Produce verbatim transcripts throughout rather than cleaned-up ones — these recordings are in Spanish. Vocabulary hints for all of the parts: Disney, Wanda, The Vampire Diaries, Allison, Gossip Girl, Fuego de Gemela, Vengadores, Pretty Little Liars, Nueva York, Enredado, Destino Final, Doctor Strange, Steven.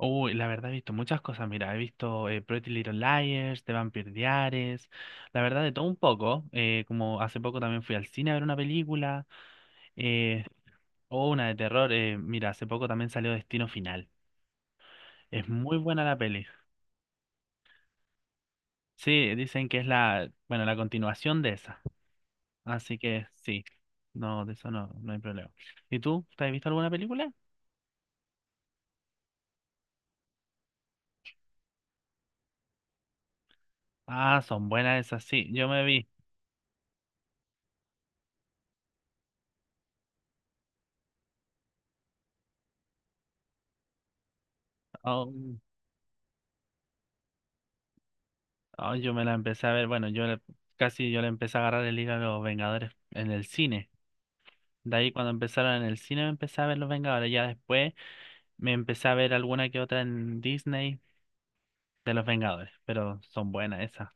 Uy, la verdad he visto muchas cosas, mira, he visto eh, Pretty Little Liars, The Vampire Diaries, la verdad de todo un poco, eh, como hace poco también fui al cine a ver una película, eh, o una de terror, eh, mira, hace poco también salió Destino Final, es muy buena la peli, sí, dicen que es la, bueno, la continuación de esa, así que sí, no, de eso no, no hay problema. ¿Y tú, te has visto alguna película? Ah, son buenas esas, sí, yo me vi. Oh, ah, yo me la empecé a ver, bueno, yo la- casi yo le empecé a agarrar el hilo a los Vengadores en el cine. De ahí cuando empezaron en el cine me empecé a ver los Vengadores. Ya después me empecé a ver alguna que otra en Disney de los Vengadores, pero son buenas esas.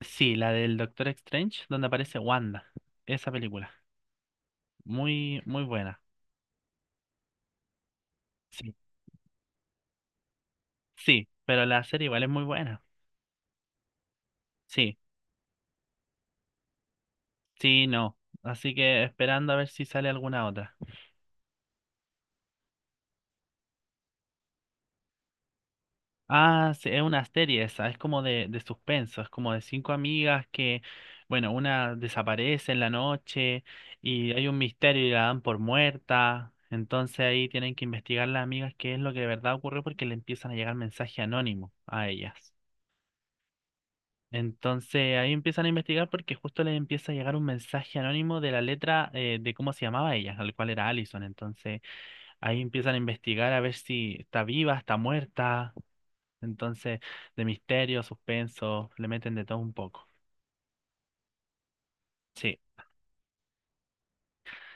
Sí, la del Doctor Strange, donde aparece Wanda. Esa película. Muy, muy buena. Sí. Sí, pero la serie igual es muy buena. Sí, sí, no. Así que esperando a ver si sale alguna otra. Ah, sí, es una serie esa, es como de, de suspenso, es como de cinco amigas que, bueno, una desaparece en la noche y hay un misterio y la dan por muerta, entonces ahí tienen que investigar las amigas qué es lo que de verdad ocurrió porque le empiezan a llegar mensajes anónimos a ellas. Entonces ahí empiezan a investigar porque justo les empieza a llegar un mensaje anónimo de la letra eh, de cómo se llamaba ella, al cual era Allison, entonces ahí empiezan a investigar a ver si está viva, está muerta. Entonces, de misterio, suspenso, le meten de todo un poco. Sí,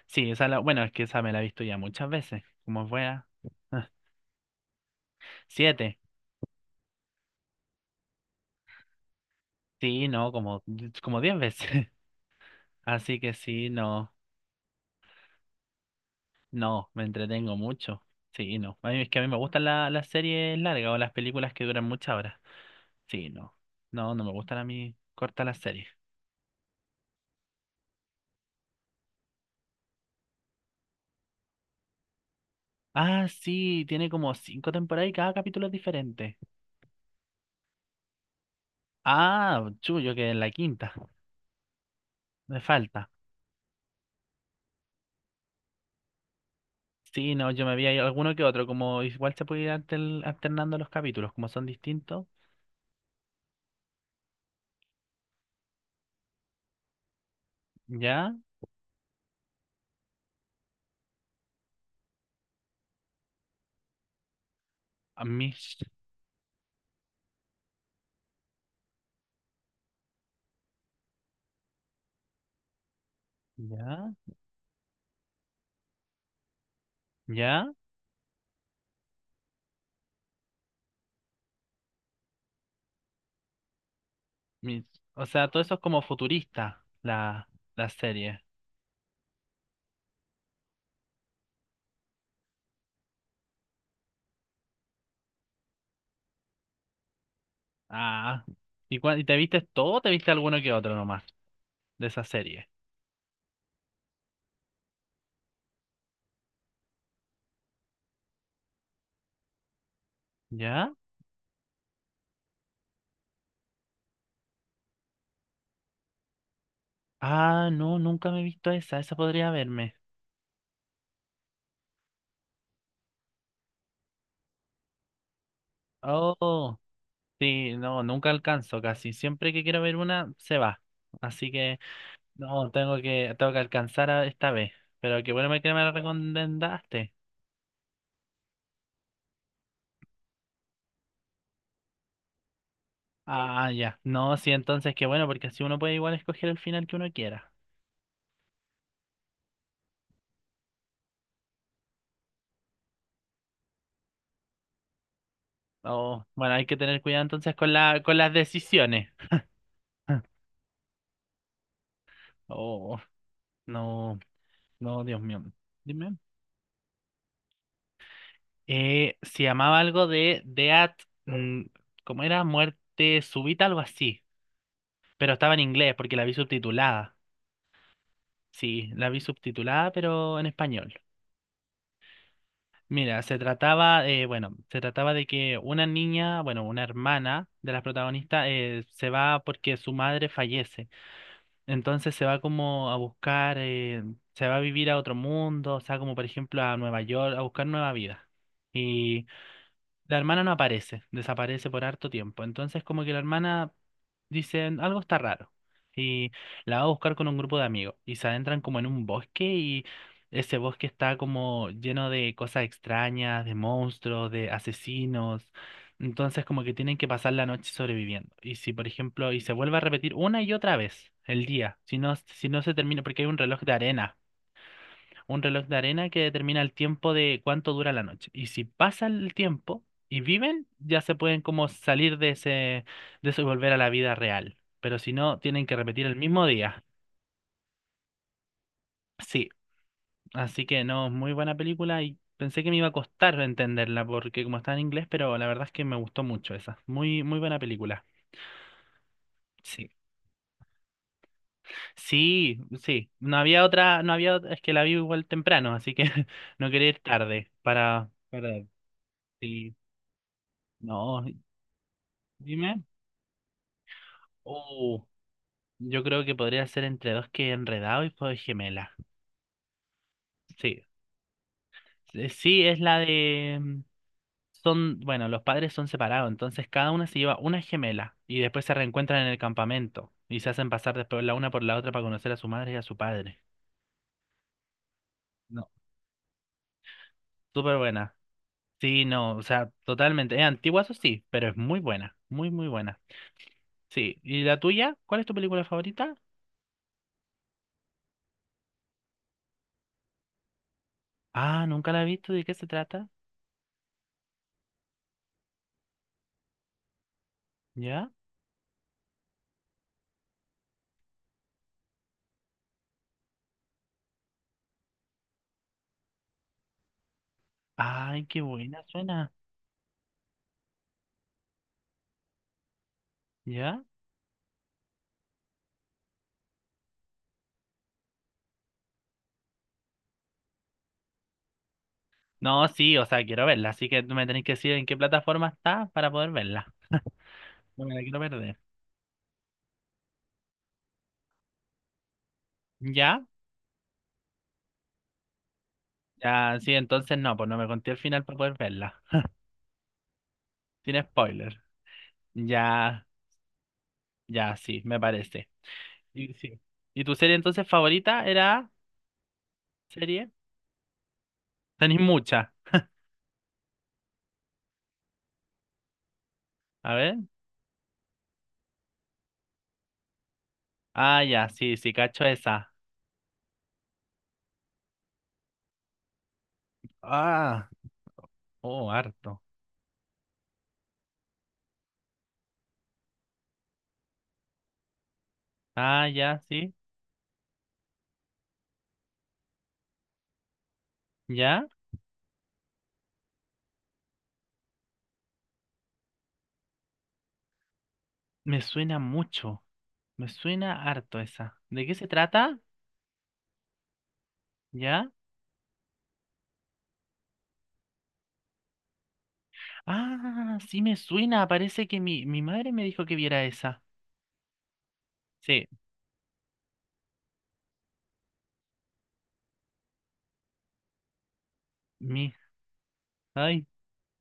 sí, esa la, bueno, es que esa me la he visto ya muchas veces, como fuera. Siete, sí, no, como, como diez veces. Así que sí, no, no, me entretengo mucho. Sí, no. A mí, es que a mí me gustan la- las series largas o las películas que duran muchas horas. Sí, no. No, no me gustan a mí cortas las series. Ah, sí, tiene como cinco temporadas y cada capítulo es diferente. Ah, chullo, que en la quinta. Me falta. Sí, no, yo me vi ahí alguno que otro, como igual se puede ir altern- alternando los capítulos, como son distintos. Ya, a mis, ya, ya, mis, o sea, todo eso es como futurista, la, la serie. Ah, ¿y, cuál y te viste todo o te viste alguno que otro nomás de esa serie? ¿Ya? Ah, no, nunca me he visto esa, esa podría verme. Oh, sí, no, nunca alcanzo casi, siempre que quiero ver una, se va. Así que... No, tengo que, tengo que alcanzar a esta vez. Pero qué bueno que me lo recomendaste. Ah, ya. No, sí, entonces qué bueno, porque así uno puede igual escoger el final que uno quiera. Oh, bueno, hay que tener cuidado entonces con la, con las decisiones. Oh, no, no, Dios mío. Dime. Eh, se llamaba algo de Death, mm, ¿cómo era? Muerte súbita, algo así. Pero estaba en inglés porque la vi subtitulada. Sí, la vi subtitulada, pero en español. Mira, se trataba, eh, bueno, se trataba de que una niña, bueno, una hermana de las protagonistas eh, se va porque su madre fallece. Entonces se va como a buscar, eh, se va a vivir a otro mundo, o sea, como por ejemplo a Nueva York, a buscar nueva vida. La hermana no aparece, desaparece por harto tiempo. Entonces, como que la hermana dice, algo está raro. Y la va a buscar con un grupo de amigos. Y se adentran como en un bosque y ese bosque está como lleno de cosas extrañas, de monstruos, de asesinos. Entonces, como que tienen que pasar la noche sobreviviendo. Y si, por ejemplo, y se vuelve a repetir una y otra vez el día, si no, si no se termina, porque hay un reloj de arena un reloj de arena que determina el tiempo de cuánto dura la noche. Y si pasa el tiempo y viven, ya se pueden como salir de ese, de eso y volver a la vida real. Pero si no, tienen que repetir el mismo día. Sí, así que no, muy buena película y pensé que me iba a costar entenderla porque como está en inglés, pero la verdad es que me gustó mucho esa. Muy, muy buena película. Sí. Sí, sí. No había otra, no había otra, es que la vi igual temprano, así que no quería ir tarde para, para, sí. No, dime. Uh, yo creo que podría ser entre dos que enredado y Fuego de Gemela. Sí, eh, sí, es la de... mm, son, bueno, los padres son separados, entonces cada una se lleva una gemela y después se reencuentran en el campamento y se hacen pasar después la una por la otra para conocer a su madre y a su padre. No, súper buena. Sí, no, o sea, totalmente. Es antigua, eso sí, pero es muy buena, muy, muy buena. Sí, ¿y la tuya? ¿Cuál es tu película favorita? Ah, nunca la he visto, ¿de qué se trata? ¿Ya? Ay, qué buena suena. ¿Ya? No, sí, o sea, quiero verla, así que tú me tenés que decir en qué plataforma está para poder verla. No me la quiero perder. ¿Ya? Ya, sí, entonces no, pues no me conté el final para poder verla. Sin spoiler. Ya, ya, sí, me parece. Y, sí. ¿Y tu serie entonces favorita era serie? Tenés mucha. A ver. Ah, ya, sí, sí, cacho esa. Ah, oh, harto. Ah, ya, sí. ¿Ya? Me suena mucho. Me suena harto esa. ¿De qué se trata? ¿Ya? Ah, sí me suena. Parece que mi, mi madre me dijo que viera esa. Sí, mi. Ay.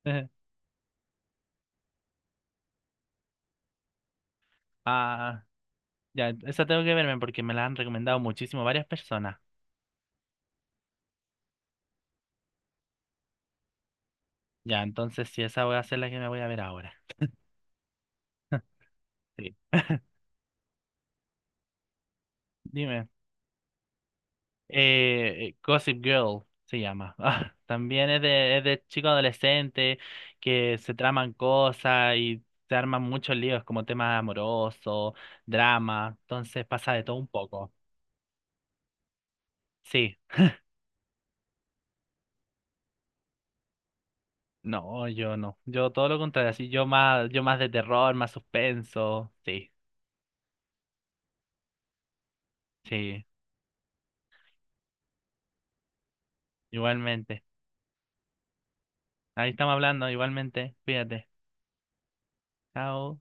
Ah, ya, esa tengo que verme porque me la han recomendado muchísimo varias personas. Ya, entonces sí, esa voy a ser la que me voy a ver ahora. Sí. Dime. Eh, Gossip Girl se llama. Ah, también es de, es de chicos adolescentes que se traman cosas y se arman muchos líos como temas amorosos, drama. Entonces pasa de todo un poco. Sí. No, yo no. Yo todo lo contrario, así yo más, yo más de terror, más suspenso. Sí, sí, igualmente. Ahí estamos hablando, igualmente. Fíjate. Chao.